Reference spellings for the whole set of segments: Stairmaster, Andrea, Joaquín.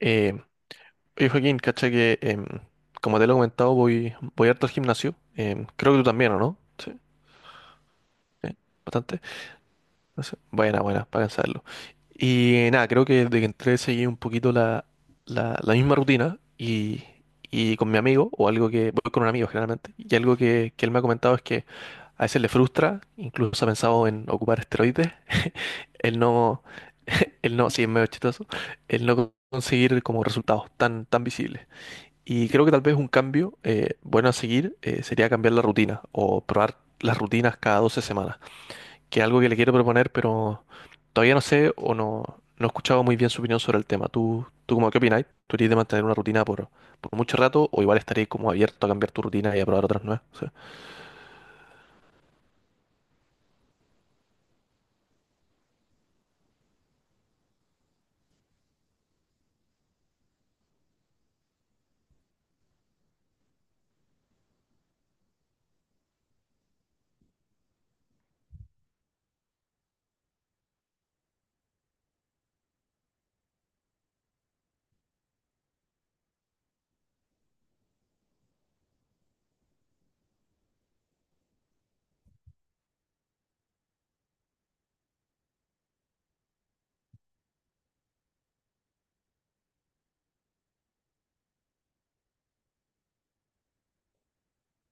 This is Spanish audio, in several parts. Eh, Oye, Joaquín, cacha que como te lo he comentado, voy harto al gimnasio. Creo que tú también, ¿o no? Sí, sí, bastante. No sé. Buena, buena, para cansarlo. Y nada, creo que desde que entré seguí un poquito la misma rutina y con mi amigo, o algo que, voy con un amigo generalmente, y algo que él me ha comentado es que a veces le frustra, incluso ha pensado en ocupar esteroides, el no, el no, sí, es medio chistoso, el no conseguir como resultados tan visibles. Y creo que tal vez un cambio bueno a seguir sería cambiar la rutina o probar las rutinas cada 12 semanas, que es algo que le quiero proponer, pero todavía no sé o no, no he escuchado muy bien su opinión sobre el tema. Tú cómo qué opináis? ¿Tú irías de mantener una rutina por mucho rato o igual estaréis como abierto a cambiar tu rutina y a probar otras nuevas? O sea,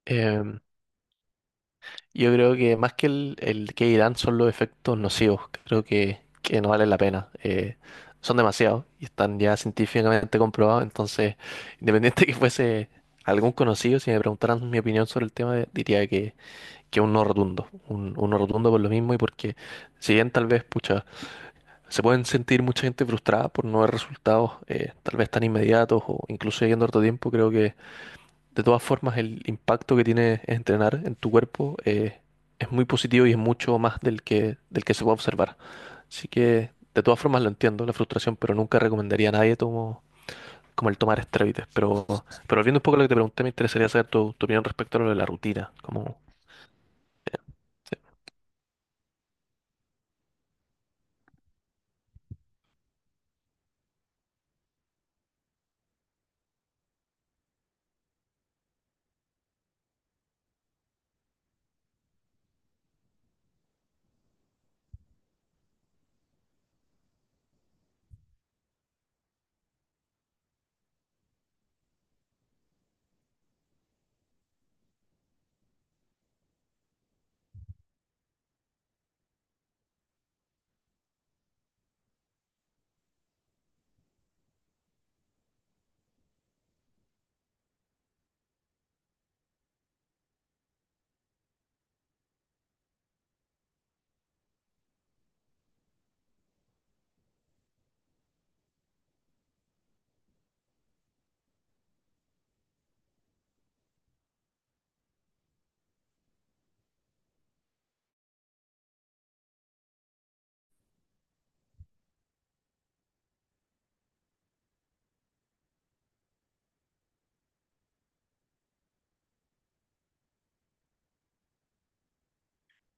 em, yo creo que más que el que irán son los efectos nocivos. Creo que no valen la pena. Son demasiados y están ya científicamente comprobados. Entonces, independiente que fuese algún conocido, si me preguntaran mi opinión sobre el tema, diría que un no rotundo. Un no rotundo por lo mismo y porque, si bien tal vez, pucha, se pueden sentir mucha gente frustrada por no ver resultados tal vez tan inmediatos o incluso yendo harto tiempo, creo que de todas formas, el impacto que tiene entrenar en tu cuerpo es muy positivo y es mucho más del del que se puede observar. Así que, de todas formas, lo entiendo, la frustración, pero nunca recomendaría a nadie como el tomar esteroides. Pero volviendo un poco a lo que te pregunté, me interesaría saber tu opinión respecto a lo de la rutina. Como,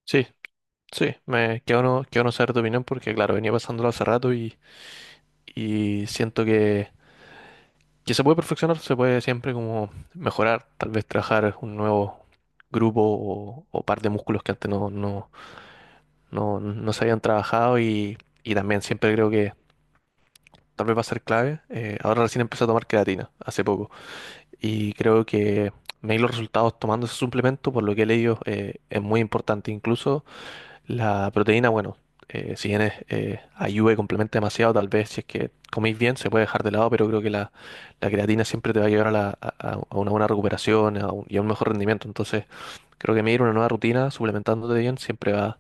sí, sí, me quedo quedo no saber tu opinión porque, claro, venía pasándolo hace rato y siento que se puede perfeccionar, se puede siempre como mejorar, tal vez trabajar un nuevo grupo o par de músculos que antes no se habían trabajado y también siempre creo que tal vez va a ser clave. Ahora recién empecé a tomar creatina, hace poco, y creo que medir los resultados tomando ese suplemento, por lo que he leído, es muy importante. Incluso la proteína, bueno, si bien es, ayuda y complementa demasiado, tal vez si es que coméis bien se puede dejar de lado, pero creo que la creatina siempre te va a llevar a una buena recuperación y a un mejor rendimiento. Entonces, creo que medir una nueva rutina suplementándote bien siempre va,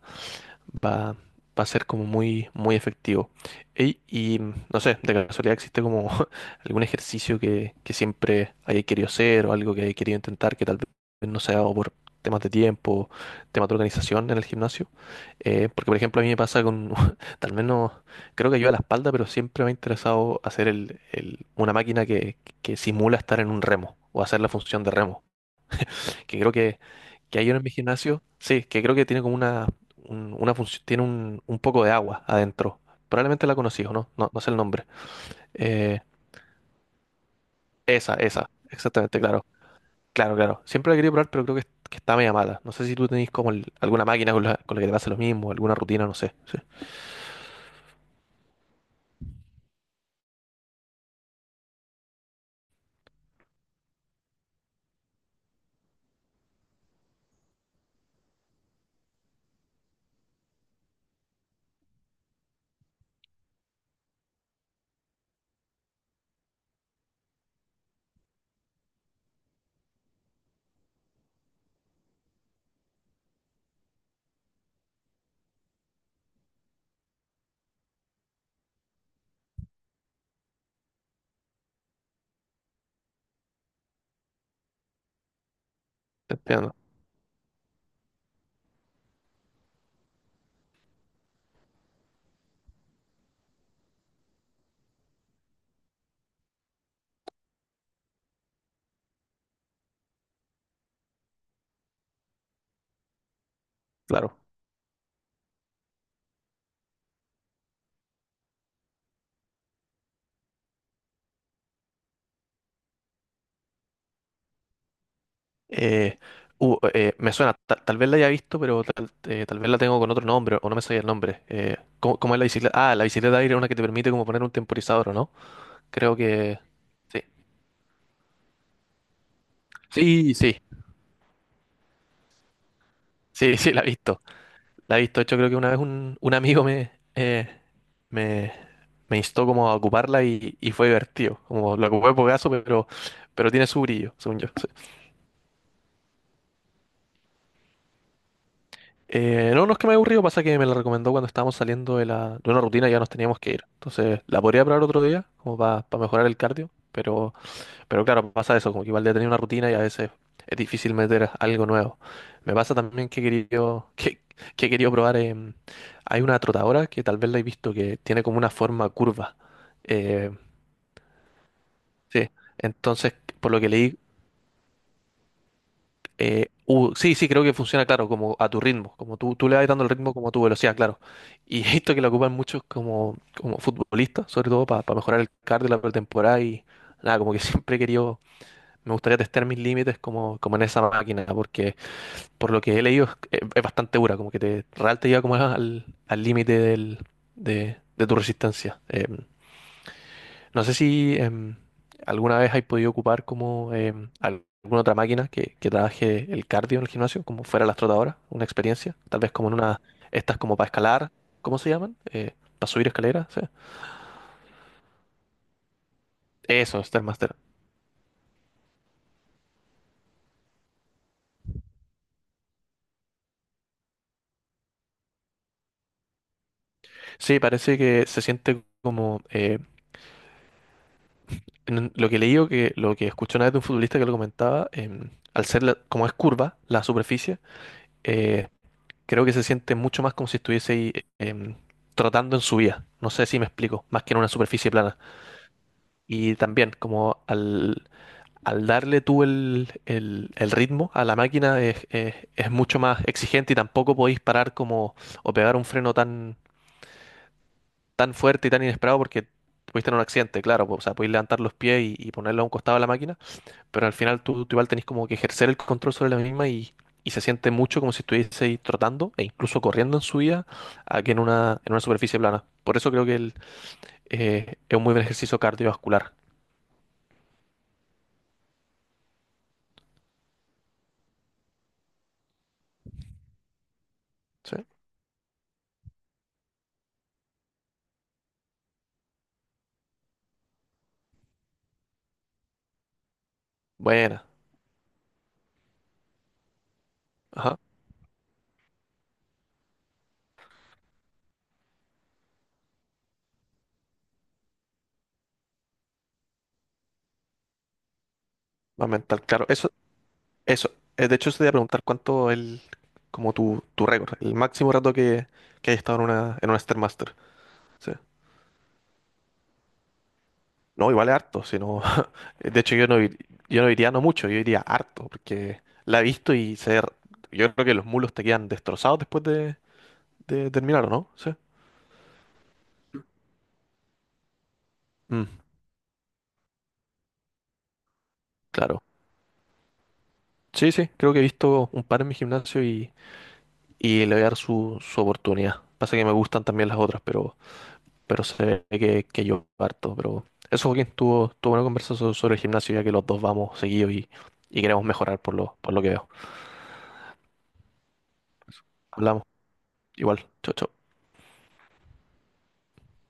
va, va a ser como muy efectivo. Ey, y no sé, de casualidad existe como algún ejercicio que siempre haya querido hacer o algo que haya querido intentar que tal vez no sea ha por temas de tiempo, temas de organización en el gimnasio. Porque, por ejemplo, a mí me pasa con, tal vez no, creo que yo a la espalda, pero siempre me ha interesado hacer una máquina que simula estar en un remo o hacer la función de remo que creo que hay uno en mi gimnasio, sí, que creo que tiene como una función, tiene un poco de agua adentro. Probablemente la conocí, ¿o no? No, no sé el nombre. Eh, esa, exactamente, claro. Claro, claro. Siempre la quería probar, pero creo que está media mala. No sé si tú tenés como alguna máquina con con la que te pase lo mismo, alguna rutina, no sé. Sí, te entiendo, claro. Eh, me suena, tal vez la haya visto, pero tal, tal vez la tengo con otro nombre o no me sabía el nombre. ¿ cómo es la bicicleta? Ah, la bicicleta de aire es una que te permite como poner un temporizador, ¿o no? Creo que sí. Sí, sí, sí, sí, la he visto. La he visto. De hecho, creo que una vez un amigo me, me instó como a ocuparla y fue divertido. Como lo ocupé por gaso, pero tiene su brillo, según yo. Sí. No, no es que me haya aburrido, pasa que me la recomendó cuando estábamos saliendo de, la, de una rutina y ya nos teníamos que ir. Entonces, la podría probar otro día, como para mejorar el cardio, pero claro, pasa eso, como que igual de tener una rutina y a veces es difícil meter algo nuevo. Me pasa también que he querido, que he querido probar, hay una trotadora que tal vez la he visto que tiene como una forma curva. Eh, sí, entonces, por lo que leí, sí, sí, creo que funciona, claro, como a tu ritmo, como tú le vas dando el ritmo como a tu velocidad, claro. Y he visto que la ocupan muchos como, como futbolistas, sobre todo para mejorar el cardio de la pretemporada y nada, como que siempre he querido me gustaría testear mis límites como, como en esa máquina, porque por lo que he leído es bastante dura, como que te real te lleva como al al límite de tu resistencia. No sé si alguna vez has podido ocupar como alguna otra máquina que trabaje el cardio en el gimnasio, como fuera la trotadora una experiencia, tal vez como en una, estas como para escalar, ¿cómo se llaman? Para subir escaleras, ¿sí? Eso, Stairmaster. Sí, parece que se siente como lo que leí o que lo que escuché una vez de un futbolista que lo comentaba, como es curva la superficie, eh, creo que se siente mucho más como si estuviese ahí em, trotando en subida. No sé si me explico, más que en una superficie plana. Y también como al darle tú el ritmo a la máquina es mucho más exigente y tampoco podéis parar como o pegar un freno tan, tan fuerte y tan inesperado porque pudiste tener un accidente, claro. O sea, podéis levantar los pies y ponerlo a un costado de la máquina pero al final tú igual tenés como que ejercer el control sobre la misma y se siente mucho como si estuvieseis trotando e incluso corriendo en su vida a que en una superficie plana. Por eso creo que es un muy buen ejercicio cardiovascular. ¿Sí? Buena. Ajá. Más mental, claro. Eso, eso. De hecho, se te iba a preguntar cuánto como tu récord, el máximo rato que hayas estado en una Stairmaster. Sí. No, igual es harto, sino, de hecho yo no diría no mucho, yo diría harto, porque la he visto y se, yo creo que los mulos te quedan destrozados después de terminar, ¿o no? Sí. Mm, claro. Sí, sí, creo que he visto un par en mi gimnasio y le voy a dar su oportunidad. Pasa que me gustan también las otras, pero se ve que yo harto. Pero eso, Joaquín, estuvo, estuvo una conversación sobre el gimnasio, ya que los dos vamos seguidos y queremos mejorar por lo que veo. Hablamos, igual, chau, chau.